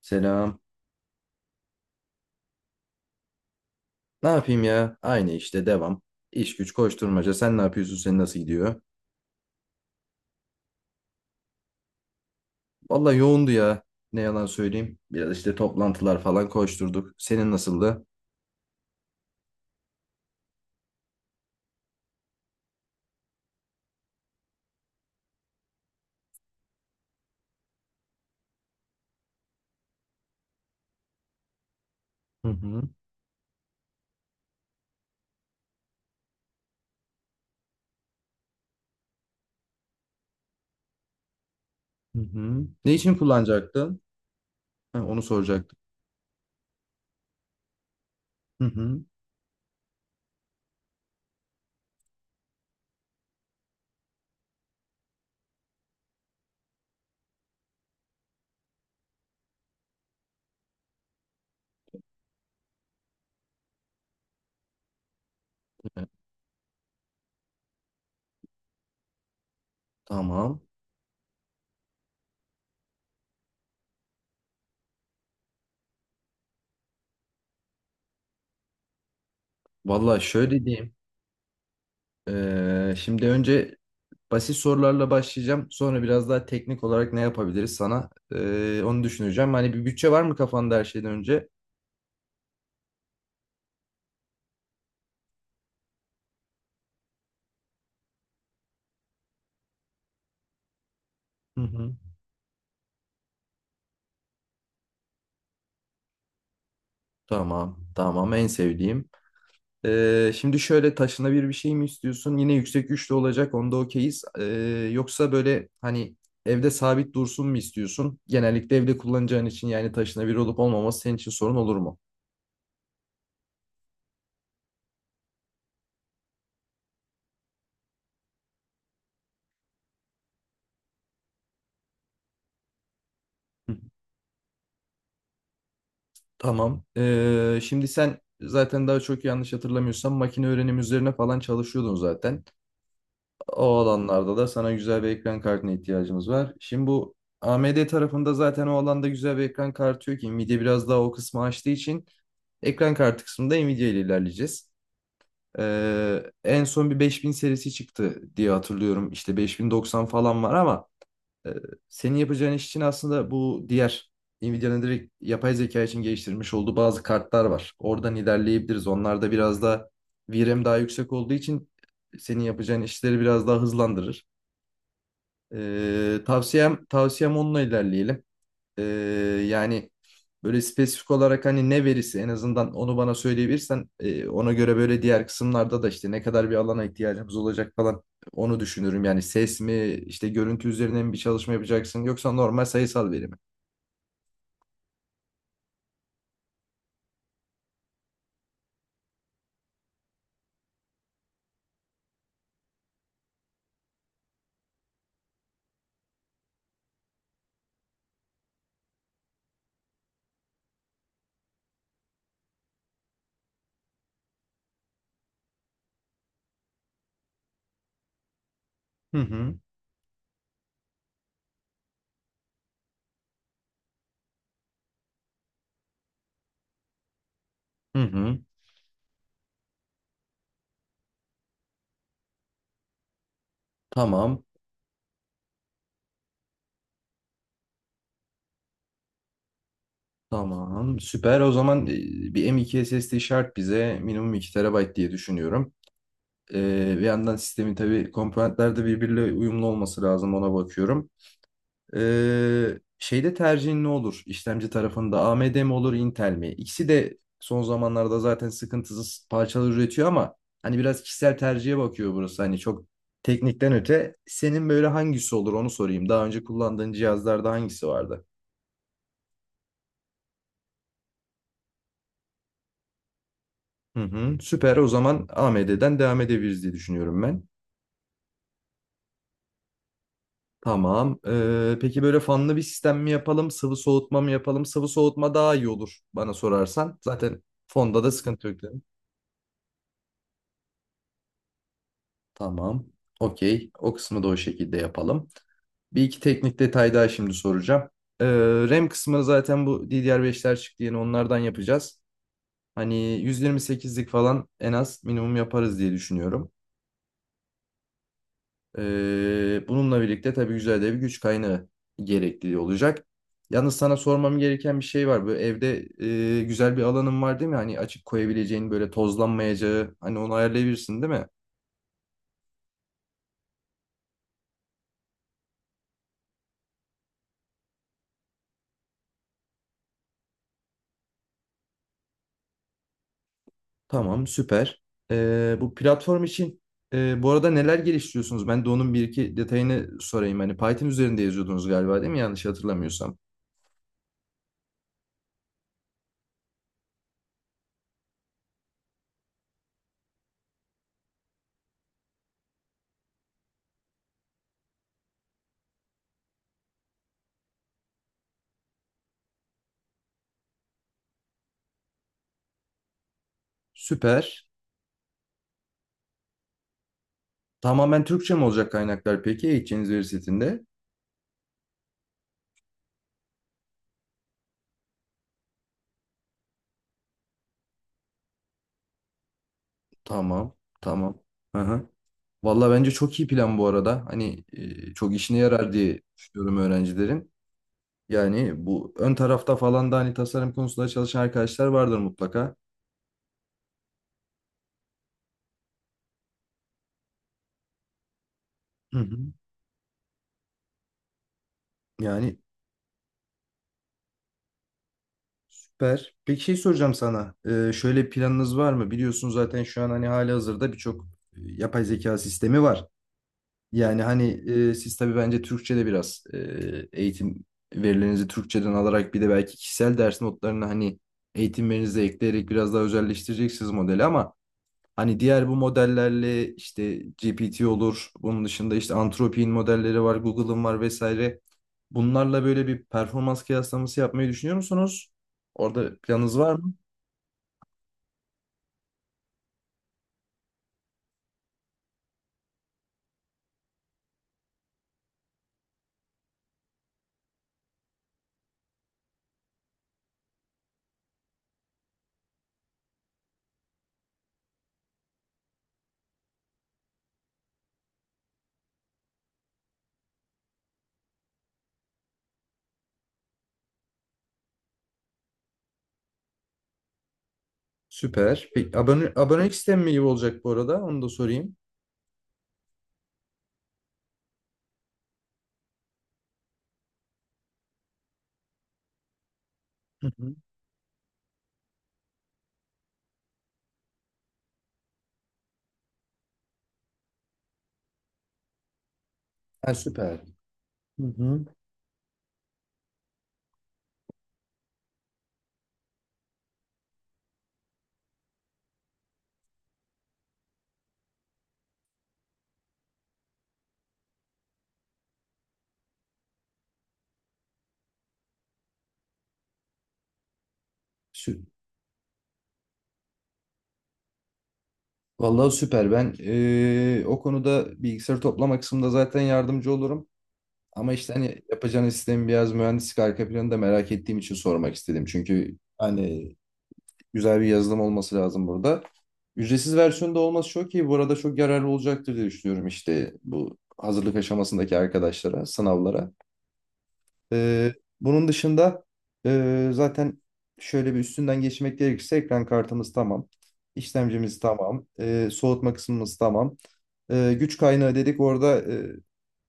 Selam. Ne yapayım ya? Aynı işte devam. İş güç koşturmaca. Sen ne yapıyorsun? Senin nasıl gidiyor? Valla yoğundu ya. Ne yalan söyleyeyim. Biraz işte toplantılar falan koşturduk. Senin nasıldı? Hı hı. Hı hı. Ne için kullanacaktın? Ha, onu soracaktım. Hı hı. Evet, tamam. Valla şöyle diyeyim. Şimdi önce basit sorularla başlayacağım. Sonra biraz daha teknik olarak ne yapabiliriz sana? Onu düşüneceğim. Hani bir bütçe var mı kafanda her şeyden önce? Hı hı. Tamam, tamam. En sevdiğim. Şimdi şöyle taşınabilir bir şey mi istiyorsun? Yine yüksek güçlü olacak. Onda okeyiz. Yoksa böyle hani evde sabit dursun mu istiyorsun? Genellikle evde kullanacağın için yani taşınabilir olup olmaması senin için sorun olur mu? Hı. Tamam. Şimdi sen zaten daha çok yanlış hatırlamıyorsam makine öğrenim üzerine falan çalışıyordun zaten. O alanlarda da sana güzel bir ekran kartına ihtiyacımız var. Şimdi bu AMD tarafında zaten o alanda güzel bir ekran kartı yok ki. Nvidia biraz daha o kısmı açtığı için ekran kartı kısmında Nvidia ile ilerleyeceğiz. En son bir 5000 serisi çıktı diye hatırlıyorum. İşte 5090 falan var ama e, senin yapacağın iş için aslında bu diğer Nvidia'nın direkt yapay zeka için geliştirmiş olduğu bazı kartlar var. Oradan ilerleyebiliriz. Onlarda biraz da VRAM daha yüksek olduğu için senin yapacağın işleri biraz daha hızlandırır. Tavsiyem onunla ilerleyelim. Ee, Yani böyle spesifik olarak hani ne verisi en azından onu bana söyleyebilirsen ona göre böyle diğer kısımlarda da işte ne kadar bir alana ihtiyacımız olacak falan onu düşünürüm. Yani ses mi işte görüntü üzerine mi bir çalışma yapacaksın yoksa normal sayısal veri mi? Hı hı. Hı hı. Tamam. Tamam. Süper. O zaman bir M.2 SSD şart bize minimum 2 TB diye düşünüyorum. Bir yandan sistemin tabii komponentler de birbiriyle uyumlu olması lazım, ona bakıyorum. Şeyde tercihin ne olur? İşlemci tarafında AMD mi olur, Intel mi? İkisi de son zamanlarda zaten sıkıntısız parçalar üretiyor ama hani biraz kişisel tercihe bakıyor burası. Hani çok teknikten öte senin böyle hangisi olur onu sorayım. Daha önce kullandığın cihazlarda hangisi vardı? Hı hı, süper. O zaman AMD'den devam edebiliriz diye düşünüyorum ben. Tamam. Peki böyle fanlı bir sistem mi yapalım, sıvı soğutma mı yapalım? Sıvı soğutma daha iyi olur bana sorarsan. Zaten fonda da sıkıntı yok. Tamam. Okey. O kısmı da o şekilde yapalım. Bir iki teknik detay daha şimdi soracağım. Ee, RAM kısmı zaten bu ddr beşler çıktı yeni, onlardan yapacağız. Hani 128'lik falan en az minimum yaparız diye düşünüyorum. Bununla birlikte tabii güzel de bir güç kaynağı gerekli olacak. Yalnız sana sormam gereken bir şey var. Böyle evde güzel bir alanın var değil mi? Hani açık koyabileceğin, böyle tozlanmayacağı, hani onu ayarlayabilirsin değil mi? Tamam, süper. Bu platform için bu arada neler geliştiriyorsunuz? Ben de onun bir iki detayını sorayım. Hani Python üzerinde yazıyordunuz galiba değil mi? Yanlış hatırlamıyorsam. Süper. Tamamen Türkçe mi olacak kaynaklar peki eğiteceğiniz veri setinde? Tamam, tamam. Hı hı. Valla bence çok iyi plan bu arada. Hani çok işine yarar diye düşünüyorum öğrencilerin. Yani bu ön tarafta falan da hani tasarım konusunda çalışan arkadaşlar vardır mutlaka. Hı hı. Yani. Süper. Peki şey soracağım sana. Şöyle bir planınız var mı? Biliyorsun zaten şu an hani hali hazırda birçok yapay zeka sistemi var. Yani hani siz tabii bence Türkçe'de biraz eğitim verilerinizi Türkçeden alarak bir de belki kişisel ders notlarını hani eğitimlerinize ekleyerek biraz daha özelleştireceksiniz modeli ama hani diğer bu modellerle, işte GPT olur, bunun dışında işte Anthropic'in modelleri var, Google'ın var vesaire. Bunlarla böyle bir performans kıyaslaması yapmayı düşünüyor musunuz? Orada planınız var mı? Süper. Peki abonelik sistemi mi iyi olacak bu arada? Onu da sorayım. Hı hı. Ha, süper. Hı hı. Sü Vallahi süper. Ben o konuda bilgisayar toplama kısmında zaten yardımcı olurum. Ama işte hani yapacağınız sistemin biraz mühendislik arka planını da merak ettiğim için sormak istedim. Çünkü hani güzel bir yazılım olması lazım burada. Ücretsiz versiyonda olması çok iyi. Bu arada çok yararlı olacaktır diye düşünüyorum işte bu hazırlık aşamasındaki arkadaşlara, sınavlara. Ee, Bunun dışında zaten şöyle bir üstünden geçmek gerekirse ekran kartımız tamam. İşlemcimiz tamam. Soğutma kısmımız tamam. Güç kaynağı dedik, orada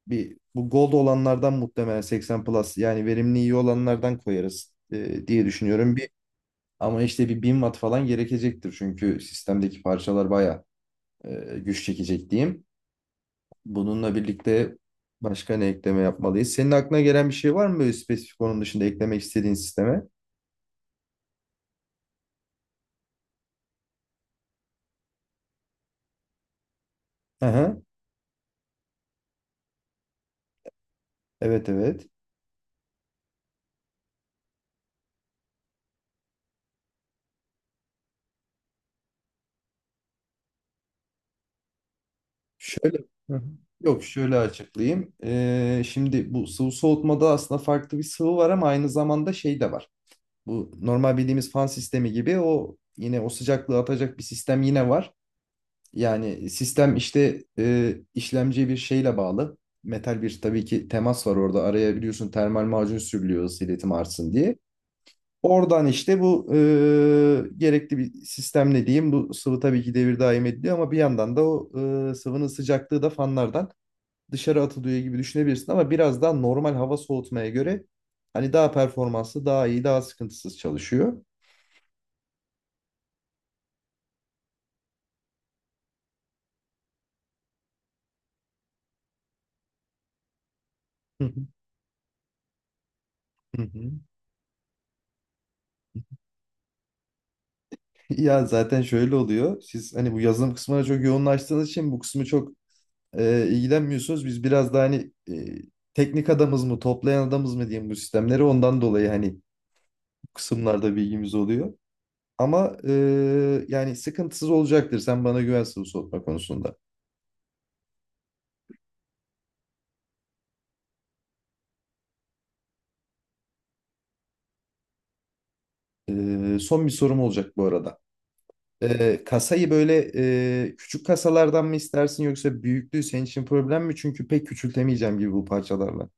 bir bu Gold olanlardan muhtemelen 80 Plus, yani verimli iyi olanlardan koyarız diye düşünüyorum. Ama işte bir 1000 watt falan gerekecektir. Çünkü sistemdeki parçalar baya güç çekecek diyeyim. Bununla birlikte başka ne ekleme yapmalıyız? Senin aklına gelen bir şey var mı böyle spesifik, onun dışında eklemek istediğin sisteme? Hı hı. Evet, evet. Şöyle Hı hı. Yok, şöyle açıklayayım. Şimdi bu sıvı soğutmada aslında farklı bir sıvı var ama aynı zamanda şey de var. Bu normal bildiğimiz fan sistemi gibi o yine o sıcaklığı atacak bir sistem yine var. Yani sistem işte işlemciye bir şeyle bağlı. Metal bir tabii ki temas var orada. Araya biliyorsun termal macun sürülüyor ısı iletim artsın diye. Oradan işte bu gerekli bir sistemle diyeyim. Bu sıvı tabii ki devir daim ediliyor ama bir yandan da o sıvının sıcaklığı da fanlardan dışarı atılıyor gibi düşünebilirsin. Ama biraz daha normal hava soğutmaya göre hani daha performanslı, daha iyi, daha sıkıntısız çalışıyor. Hı hı. Hı hı. Ya zaten şöyle oluyor. Siz hani bu yazılım kısmına çok yoğunlaştığınız için bu kısmı çok ilgilenmiyorsunuz. Biz biraz daha hani teknik adamız mı, toplayan adamız mı diyeyim bu sistemleri. Ondan dolayı hani bu kısımlarda bilgimiz oluyor. Ama yani sıkıntısız olacaktır. Sen bana güvensin bu sohbet konusunda. Son bir sorum olacak bu arada. Kasayı böyle küçük kasalardan mı istersin, yoksa büyüklüğü senin için problem mi? Çünkü pek küçültemeyeceğim gibi bu parçalarla.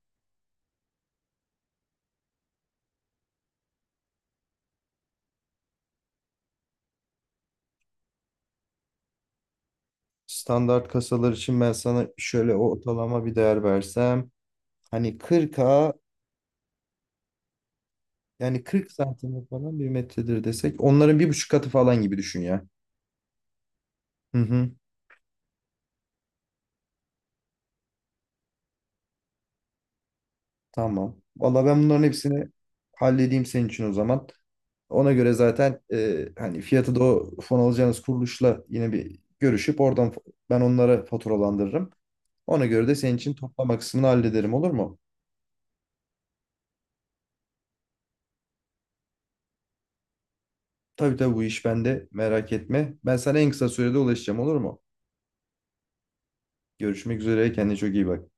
Standart kasalar için ben sana şöyle ortalama bir değer versem. Hani 40'a, yani 40 santim falan bir metredir desek. Onların bir buçuk katı falan gibi düşün ya. Hı hı, tamam. Valla ben bunların hepsini halledeyim senin için o zaman. Ona göre zaten hani fiyatı da o fon alacağınız kuruluşla yine bir görüşüp oradan ben onlara faturalandırırım. Ona göre de senin için toplama kısmını hallederim, olur mu? Tabii, tabii, bu iş bende, merak etme. Ben sana en kısa sürede ulaşacağım, olur mu? Görüşmek üzere. Kendine çok iyi bak.